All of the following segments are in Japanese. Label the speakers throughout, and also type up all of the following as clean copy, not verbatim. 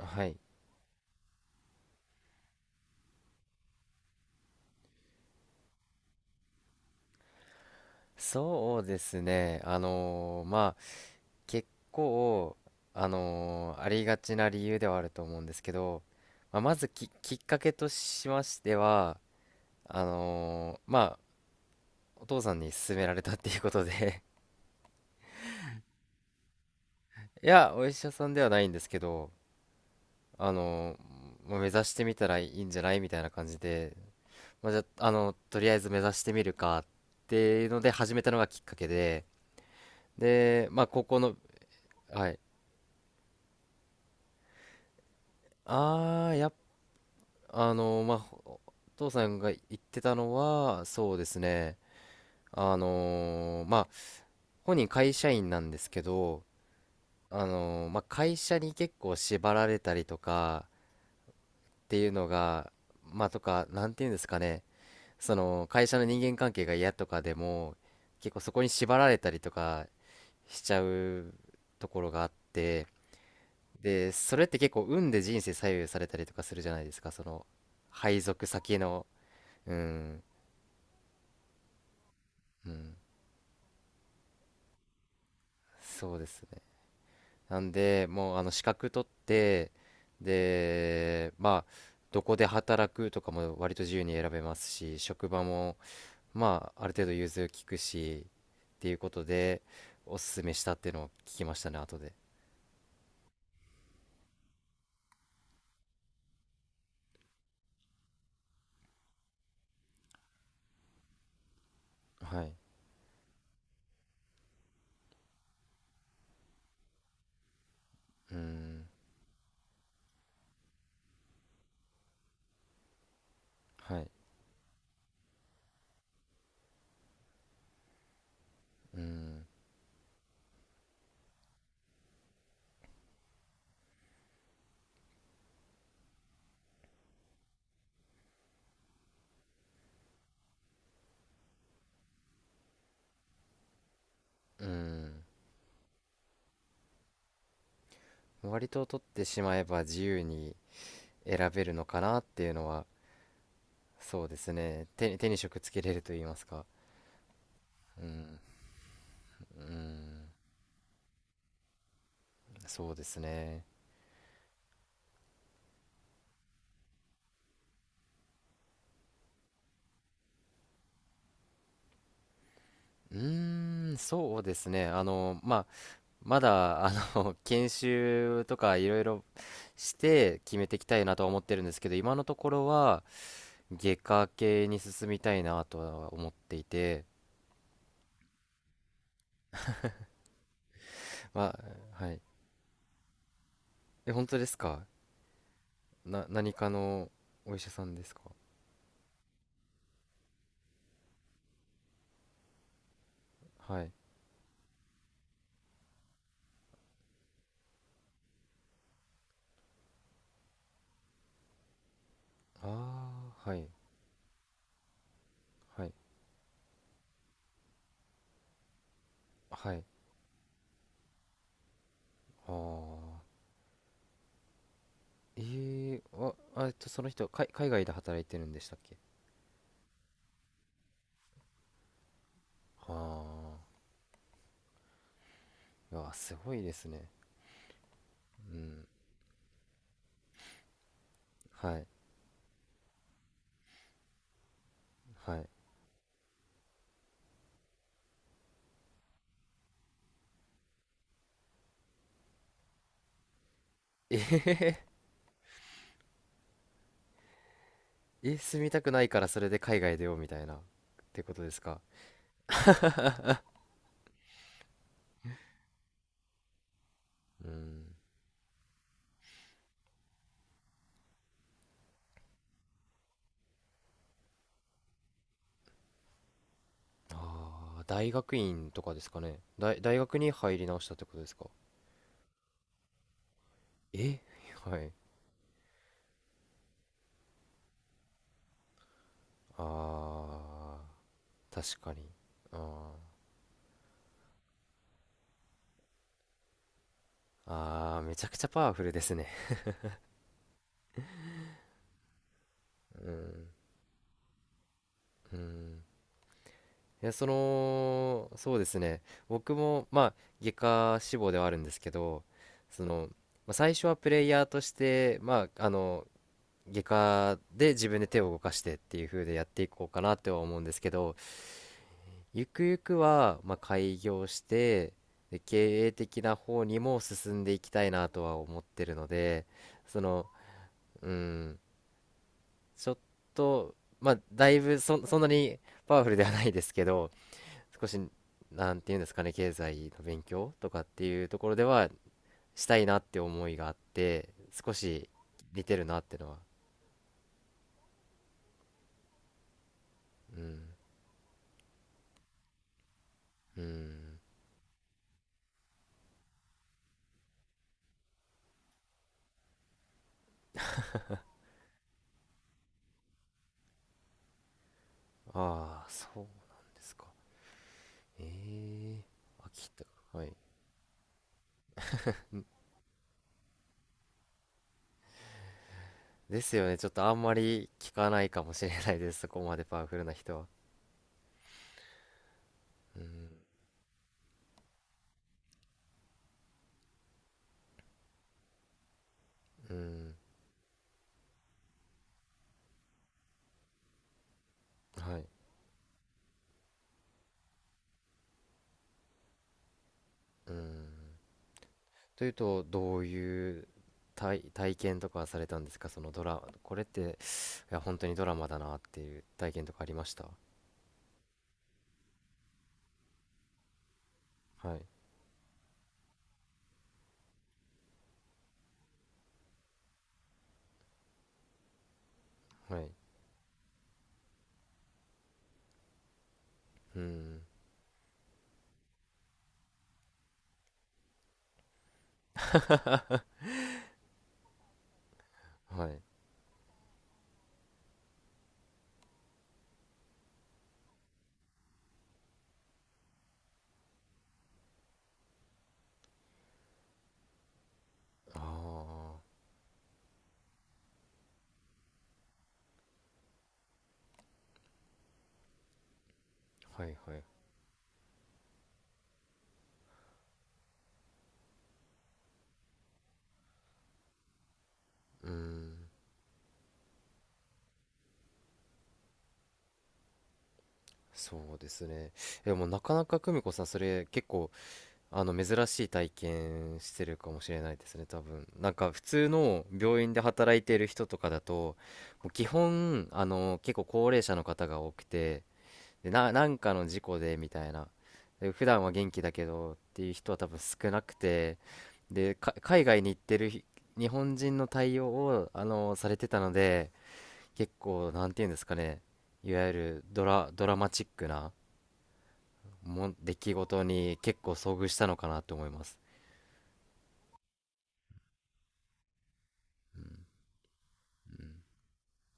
Speaker 1: はい。そうですね。まあ、結構、ありがちな理由ではあると思うんですけど、まあ、まずきっかけとしましては、まあ、お父さんに勧められたっていうことで。 いや、お医者さんではないんですけど、あのーまあ目指してみたらいいんじゃないみたいな感じで、まあ、じゃあ、とりあえず目指してみるかっていうので始めたのがきっかけで、で、まあ、高校の。はい。ああ、まあ父さんが言ってたのはそうですね、まあ本人会社員なんですけど、まあ会社に結構縛られたりとかっていうのが、まあ、とか、なんていうんですかね、その会社の人間関係が嫌とかでも結構そこに縛られたりとかしちゃうところがあって、でそれって結構運で人生左右されたりとかするじゃないですか、その配属先の。うんうん、そうですね。なんで、もうあの資格取って、で、まあ、どこで働くとかも割と自由に選べますし、職場も、まあ、ある程度融通きくし、っていうことで、おすすめしたっていうのを聞きましたね、後で。はい。うん。はい。うん。うん。割と取ってしまえば自由に選べるのかなっていうのは、そうですね。手に職つけれると言いますか。うん。うん。そうですね。うーん、そうですね。まあ、まだ、研修とかいろいろして決めていきたいなとは思ってるんですけど、今のところは、外科系に進みたいなとは思っていて、まあ、はい。え、本当ですか？何かのお医者さんですか？はい。ああ、はい、はい、はい。ああ、えー、あ、その人、海外で働いてるんでしたっけ？ああ、いや、すごいですね。うん。はいはい。え、え、住みたくないからそれで海外出ようみたいな、ってことですか？うん。ああ、大学院とかですかね。大学に入り直したってことですか？え、はい。ああ、確かに。ああ、ああ、めちゃくちゃパワフルですね。うん。うん。いや、その、そうですね。僕も、まあ、外科志望ではあるんですけど、その、まあ、最初はプレイヤーとして、まあ、あの、外科で自分で手を動かしてっていう風でやっていこうかなっては思うんですけど、ゆくゆくはまあ開業して、で経営的な方にも進んでいきたいなとは思ってるので、その、うん、ちょっと、まあだいぶそんなにパワフルではないですけど、少し、なんていうんですかね、経済の勉強とかっていうところではしたいなって思いがあって、少し似てるなってのは、うんうん、ああ、そうなんですか。ええ、秋田。はい。ですよね。ちょっとあんまり聞かないかもしれないです。そこまでパワフルな人は。うん。うん。はい。うん。というと、どういう体験とかされたんですか？そのこれって、いや、本当にドラマだなっていう体験とかありました？はい。はい。うん。はい。ああ。はいはい。うーん。そうですね。でもなかなか久美子さん、それ結構あの珍しい体験してるかもしれないですね、多分なんか普通の病院で働いてる人とかだと、もう基本結構高齢者の方が多くて、でなんかの事故でみたいな、で普段は元気だけどっていう人は多分少なくて、で海外に行ってる日本人の対応をされてたので、結構なんていうんですかね、いわゆるドラマチックな出来事に結構遭遇したのかなと思います。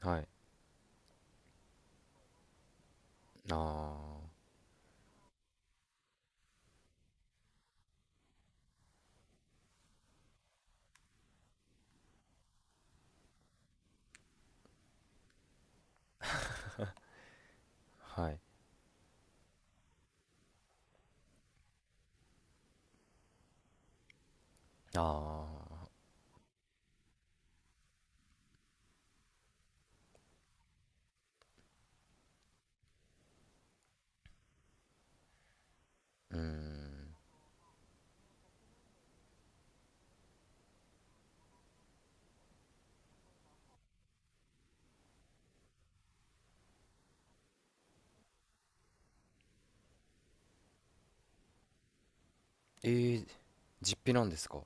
Speaker 1: はい。ああ、はい。ああ、うーん。えー、実費なんですか？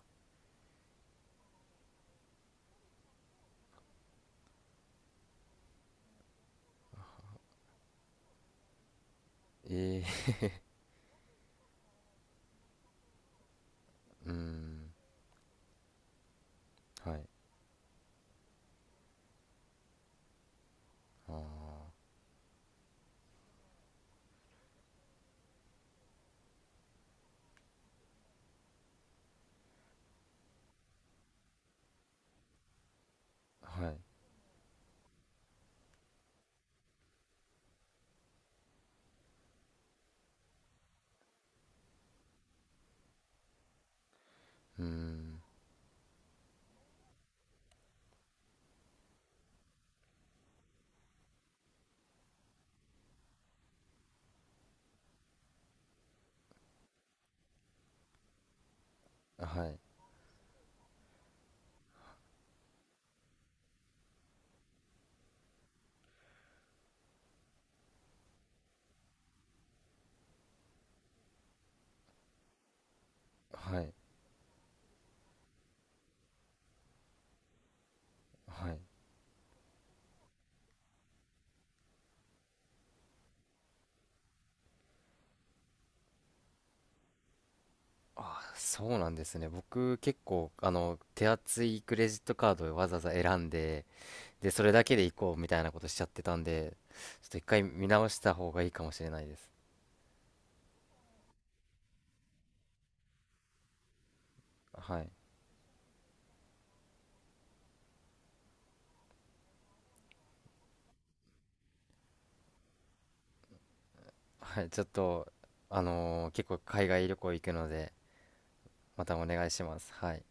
Speaker 1: えー、うーん。はい。ああ、はい。うーん。はい。はい。はい。ああ、そうなんですね。僕、結構、手厚いクレジットカードをわざわざ選んで、で、それだけで行こうみたいなことしちゃってたんで、ちょっと一回見直した方がいいかもしれないです。はい。はい。ちょっと、結構海外旅行行くので、またお願いします。はい。